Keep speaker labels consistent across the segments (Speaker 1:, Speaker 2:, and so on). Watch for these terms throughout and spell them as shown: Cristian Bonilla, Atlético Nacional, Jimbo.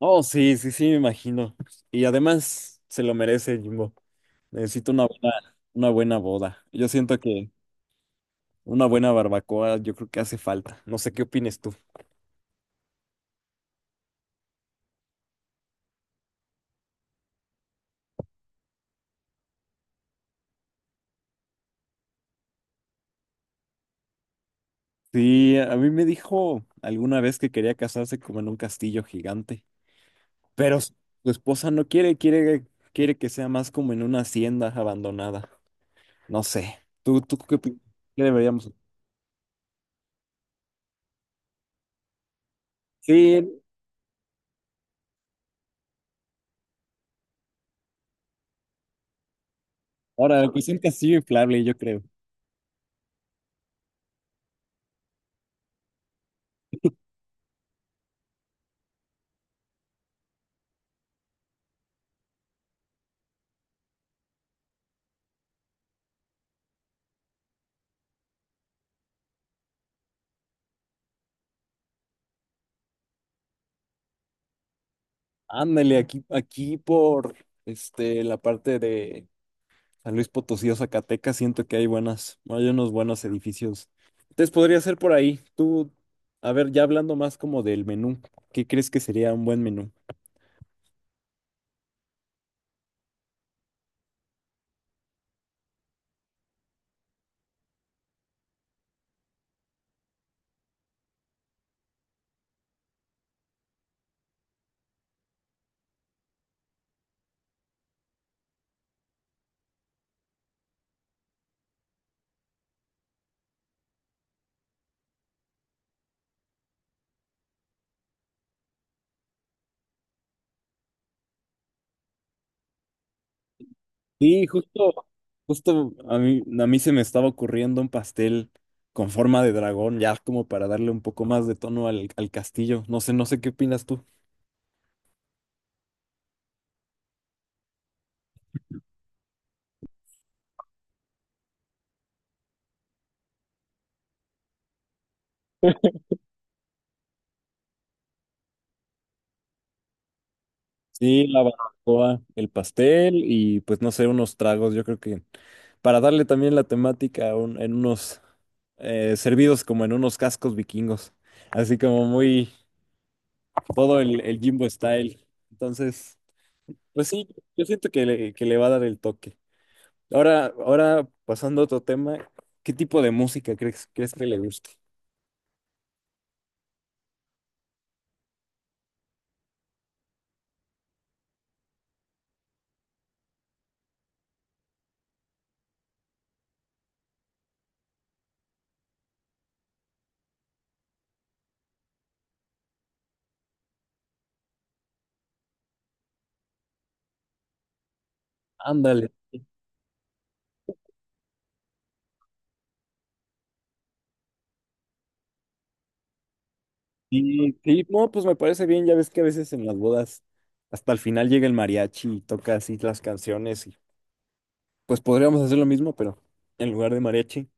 Speaker 1: Oh, sí, sí, sí, me imagino. Y además se lo merece, Jimbo. Necesito una buena boda. Yo siento que una buena barbacoa, yo creo que hace falta. No sé qué opines tú. Sí, a mí me dijo alguna vez que quería casarse como en un castillo gigante, pero su esposa no quiere, quiere que sea más como en una hacienda abandonada. No sé. ¿Tú qué qué deberíamos? Sí, ahora, pues un castillo inflable, yo creo. Ándale, aquí por la parte de San Luis Potosí o Zacatecas, siento que hay hay unos buenos edificios. Entonces podría ser por ahí. Tú, a ver, ya hablando más como del menú, ¿qué crees que sería un buen menú? Sí, justo a a mí se me estaba ocurriendo un pastel con forma de dragón, ya como para darle un poco más de tono al castillo. No sé qué opinas tú. Sí, la barbacoa, el pastel y pues no sé, unos tragos, yo creo que para darle también la temática a un- en unos servidos como en unos cascos vikingos, así como muy todo el Jimbo style. Entonces, pues sí, yo siento que que le va a dar el toque. Ahora pasando a otro tema, ¿qué tipo de música crees que le guste? Ándale. Sí, sí, no, pues me parece bien, ya ves que a veces en las bodas hasta el final llega el mariachi y toca así las canciones y pues podríamos hacer lo mismo, pero en lugar de mariachi,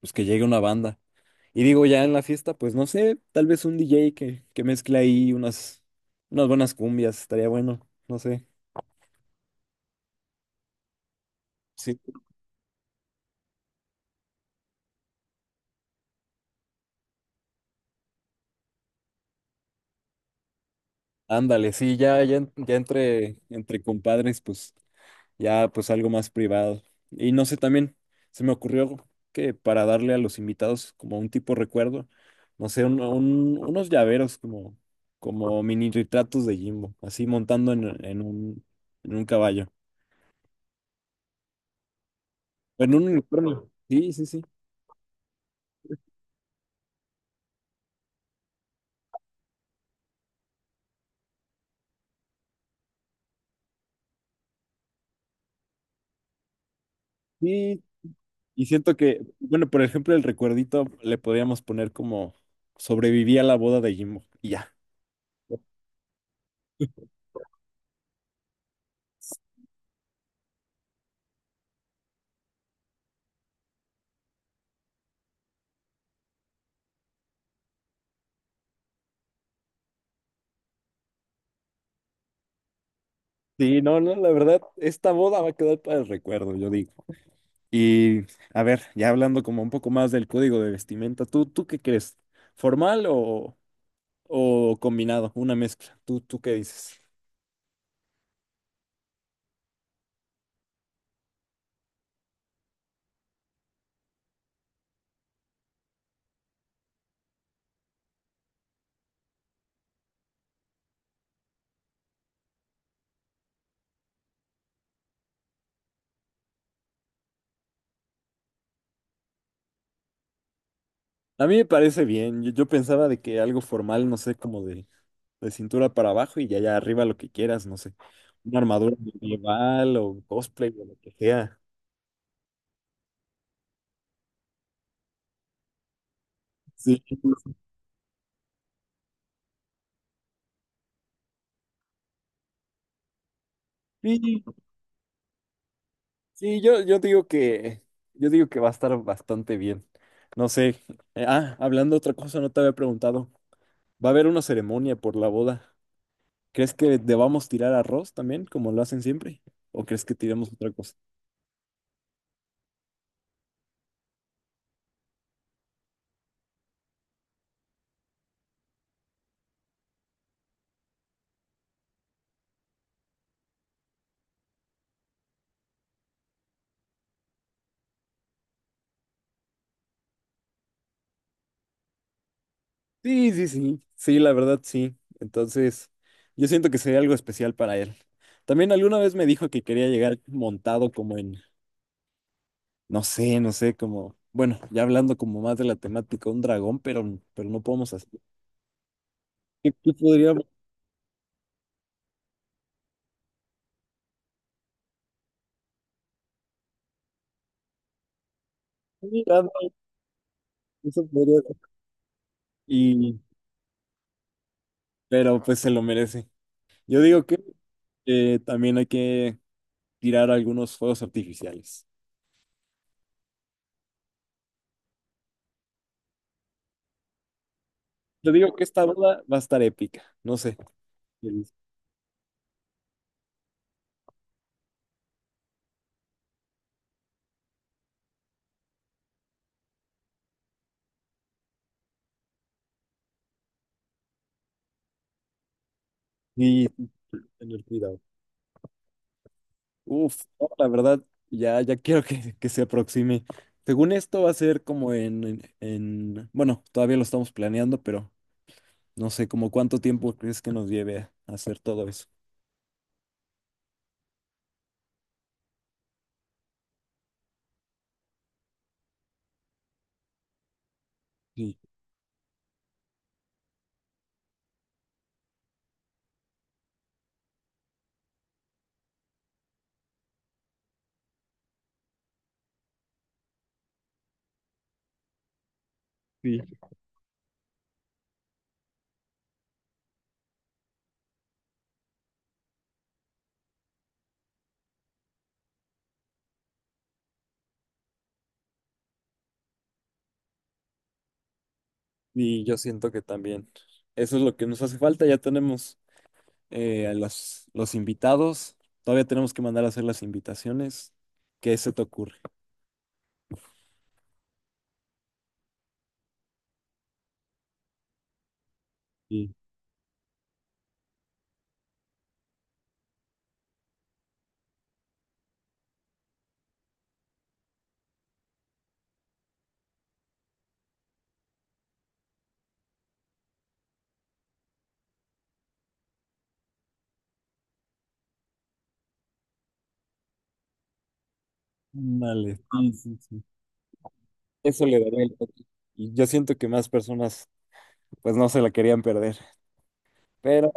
Speaker 1: pues que llegue una banda. Y digo, ya en la fiesta, pues no sé, tal vez un DJ que mezcle ahí unas buenas cumbias, estaría bueno, no sé. Sí, ándale, sí, ya, ya entre compadres, pues ya pues algo más privado. Y no sé, también se me ocurrió que para darle a los invitados como un tipo recuerdo, no sé, unos llaveros como mini retratos de Jimbo, así montando en un caballo. En un unicornio. Sí, sí, sí. Sí, y siento que, bueno, por ejemplo, el recuerdito le podríamos poner como sobreviví a la boda de Jimbo. Y ya. Sí, no, no, la verdad, esta boda va a quedar para el recuerdo, yo digo. Y a ver, ya hablando como un poco más del código de vestimenta, ¿tú qué crees? ¿Formal o combinado? Una mezcla. ¿Tú qué dices? A mí me parece bien. Yo pensaba de que algo formal, no sé, como de cintura para abajo y ya allá arriba lo que quieras, no sé. Una armadura medieval o cosplay o lo que sea. Sí, sí, sí, yo digo que va a estar bastante bien. No sé. Hablando de otra cosa, no te había preguntado. Va a haber una ceremonia por la boda. ¿Crees que debamos tirar arroz también, como lo hacen siempre? ¿O crees que tiremos otra cosa? Sí, sí, sí. Sí, la verdad, sí. Entonces, yo siento que sería algo especial para él. También alguna vez me dijo que quería llegar montado como no sé, como, bueno, ya hablando como más de la temática, un dragón, pero no podemos hacer. Que tú podrías, eso podría ser. Y, pero pues se lo merece. Yo digo que también hay que tirar algunos fuegos artificiales. Yo digo que esta boda va a estar épica, no sé. Y tener cuidado. Uf, no, la verdad, ya, ya quiero que se aproxime. Según esto va a ser como en, bueno, todavía lo estamos planeando, pero no sé como cuánto tiempo crees que nos lleve a hacer todo eso. Sí. Sí. Y yo siento que también eso es lo que nos hace falta. Ya tenemos a los invitados. Todavía tenemos que mandar a hacer las invitaciones. ¿Qué se te ocurre? Sí. Ándale, sí, sí, sí. Eso le daría el toque. Y yo siento que más personas pues no se la querían perder. Pero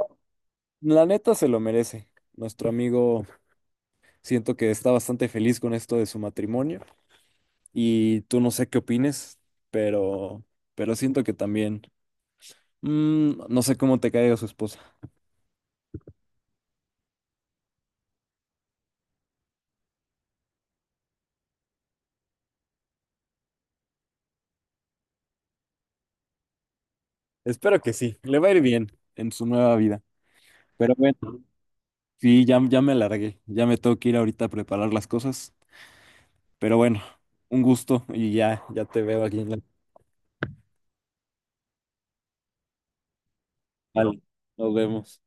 Speaker 1: la neta se lo merece. Nuestro amigo siento que está bastante feliz con esto de su matrimonio. Y tú no sé qué opines, pero, pero siento que también, mm, no sé cómo te caiga su esposa. Espero que sí, le va a ir bien en su nueva vida. Pero bueno, sí, ya, ya me largué, ya me tengo que ir ahorita a preparar las cosas. Pero bueno, un gusto y ya, ya te veo aquí en la... Vale, nos vemos.